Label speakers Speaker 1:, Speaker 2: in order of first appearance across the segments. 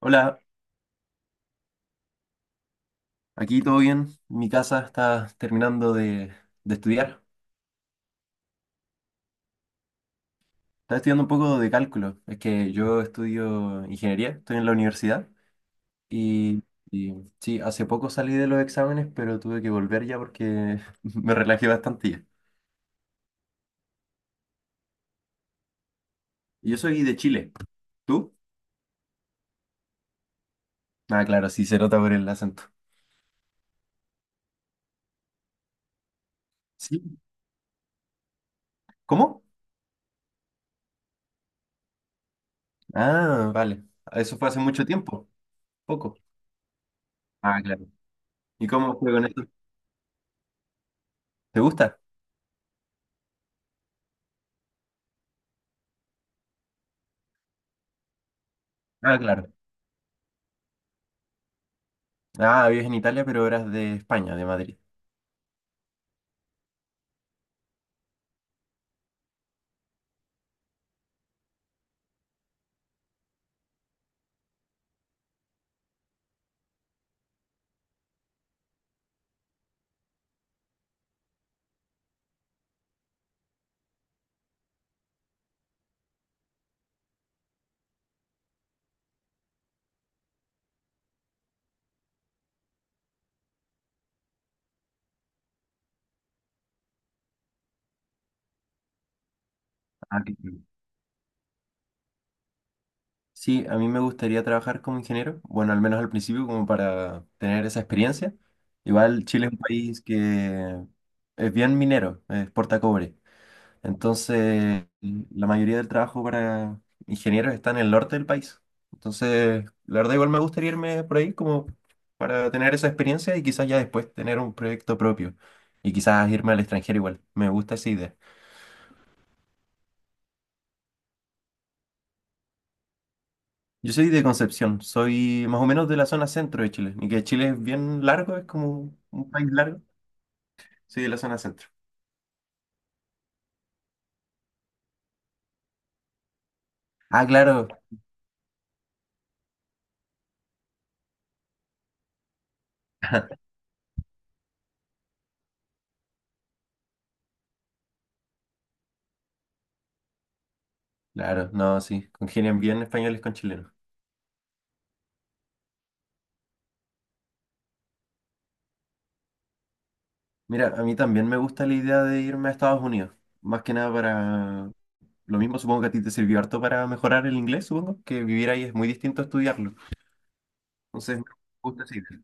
Speaker 1: Hola, aquí todo bien. Mi casa está terminando de estudiar. Está estudiando un poco de cálculo. Es que yo estudio ingeniería, estoy en la universidad y, y sí, hace poco salí de los exámenes, pero tuve que volver ya porque me relajé bastante ya. Yo soy de Chile. ¿Tú? Ah, claro, sí, se nota por el acento. Sí. ¿Cómo? Ah, vale. Eso fue hace mucho tiempo. Poco. Ah, claro. ¿Y cómo fue con esto? ¿Te gusta? Ah, claro. Ah, vives en Italia, pero eras de España, de Madrid. Ah, qué cool. Sí, a mí me gustaría trabajar como ingeniero, bueno, al menos al principio, como para tener esa experiencia. Igual Chile es un país que es bien minero, exporta cobre. Entonces, la mayoría del trabajo para ingenieros está en el norte del país. Entonces, la verdad, igual me gustaría irme por ahí como para tener esa experiencia y quizás ya después tener un proyecto propio. Y quizás irme al extranjero igual. Me gusta esa idea. Yo soy de Concepción, soy más o menos de la zona centro de Chile, y que Chile es bien largo, es como un país largo. Soy de la zona centro. Ah, claro, claro, no, sí, congenian bien españoles con chilenos. Mira, a mí también me gusta la idea de irme a Estados Unidos, más que nada para lo mismo, supongo que a ti te sirvió harto para mejorar el inglés, supongo que vivir ahí es muy distinto a estudiarlo. Entonces, me gusta esa idea.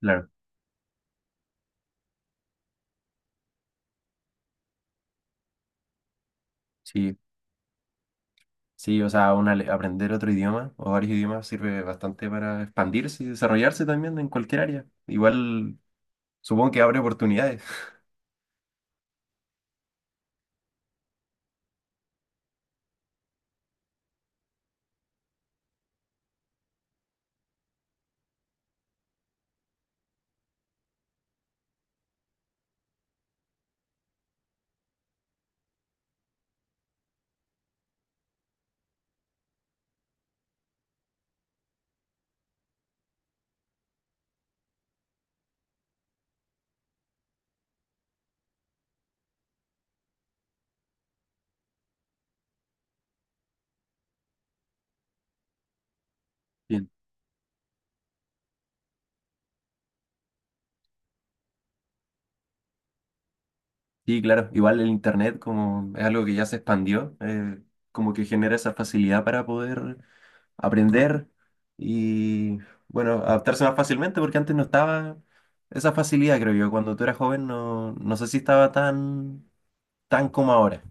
Speaker 1: Claro, sí. Sí, o sea, una, aprender otro idioma o varios idiomas sirve bastante para expandirse y desarrollarse también en cualquier área. Igual supongo que abre oportunidades. Sí, sí, claro. Igual el Internet como es algo que ya se expandió, como que genera esa facilidad para poder aprender y, bueno, adaptarse más fácilmente porque antes no estaba esa facilidad, creo yo. Cuando tú eras joven no sé si estaba tan como ahora.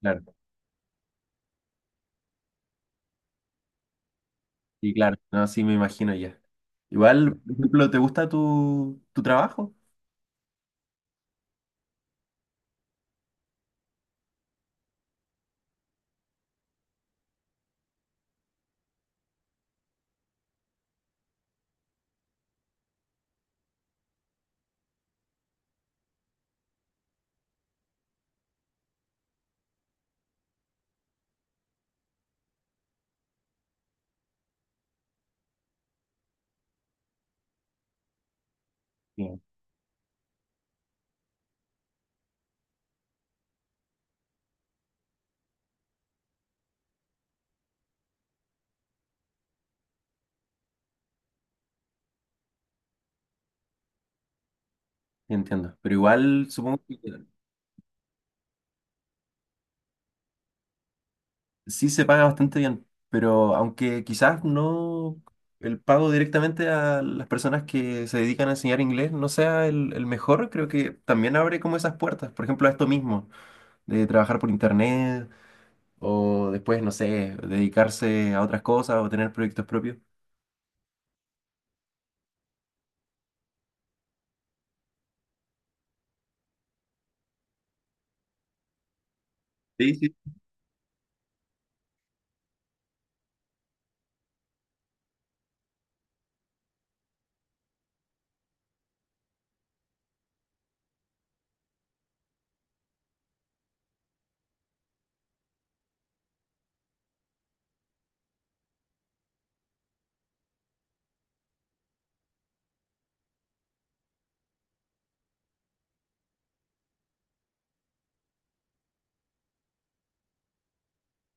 Speaker 1: Claro. Sí, claro, no, sí, me imagino ya. Igual, por ejemplo, ¿te gusta tu trabajo? Sí, sí, entiendo. Pero igual supongo que sí se paga bastante bien, pero aunque quizás no el pago directamente a las personas que se dedican a enseñar inglés no sea el mejor, creo que también abre como esas puertas. Por ejemplo, a esto mismo, de trabajar por internet o después, no sé, dedicarse a otras cosas o tener proyectos propios. Sí, sí.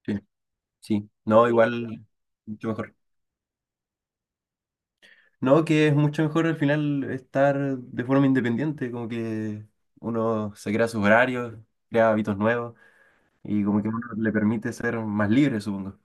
Speaker 1: Sí, sí. No, igual, mucho mejor. No, que es mucho mejor al final estar de forma independiente, como que uno se crea sus horarios, crea hábitos nuevos y como que uno le permite ser más libre, supongo.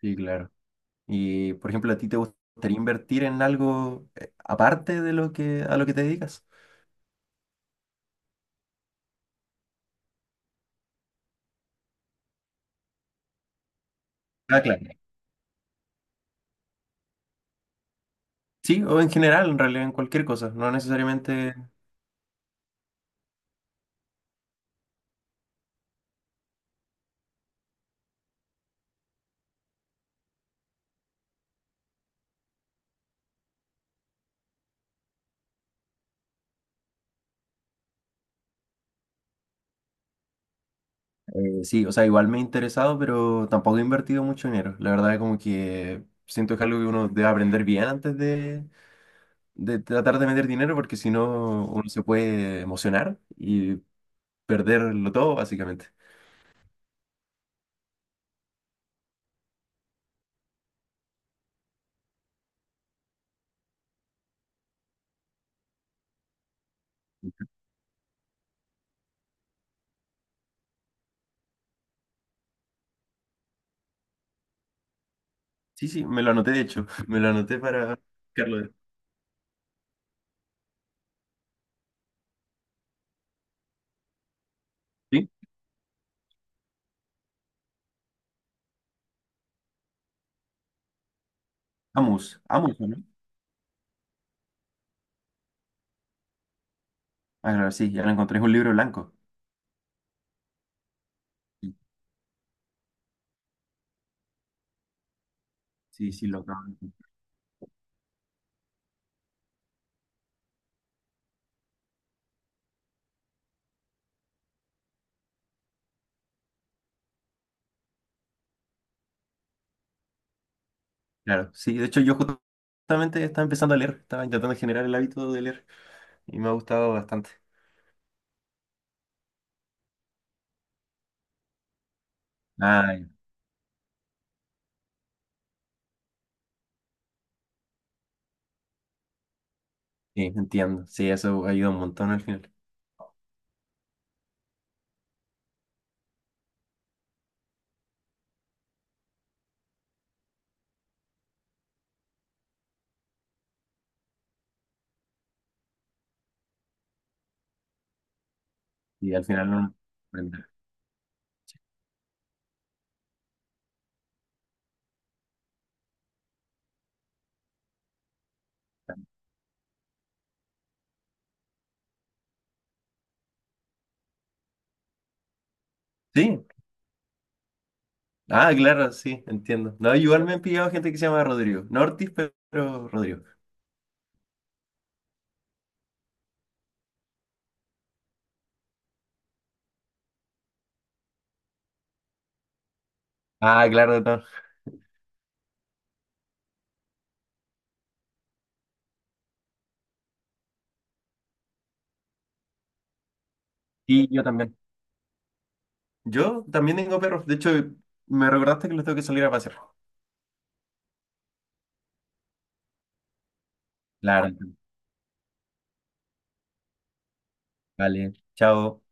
Speaker 1: Sí, claro. Y por ejemplo, ¿a ti te gustaría invertir en algo aparte de lo que a lo que te dedicas? Ah, claro. Sí, o en general, en realidad, en cualquier cosa, no necesariamente. Sí, o sea, igual me he interesado, pero tampoco he invertido mucho dinero. La verdad, es como que siento que es algo que uno debe aprender bien antes de tratar de meter dinero porque si no uno se puede emocionar y perderlo todo, básicamente. Sí, sí, me lo anoté, de hecho, me lo anoté para buscarlo. ¿Sí? Amus, Amus, ¿o ¿no? Ah, claro, sí, ya lo encontré, es un libro blanco. Sí, sí, sí, lo acabo de encontrar. Claro, sí, de hecho yo justamente estaba empezando a leer, estaba intentando generar el hábito de leer y me ha gustado bastante. Ah, ya, sí, entiendo, sí, eso ayuda un montón al final. Y al final uno aprende. Sí. Ah, claro, sí, entiendo. No, igual me han pillado gente que se llama Rodrigo. No Ortiz, pero Rodrigo. Ah, claro, no. Y yo también. Yo también tengo perros. De hecho, me recordaste que los tengo que salir a pasear. Claro, vale. Chao.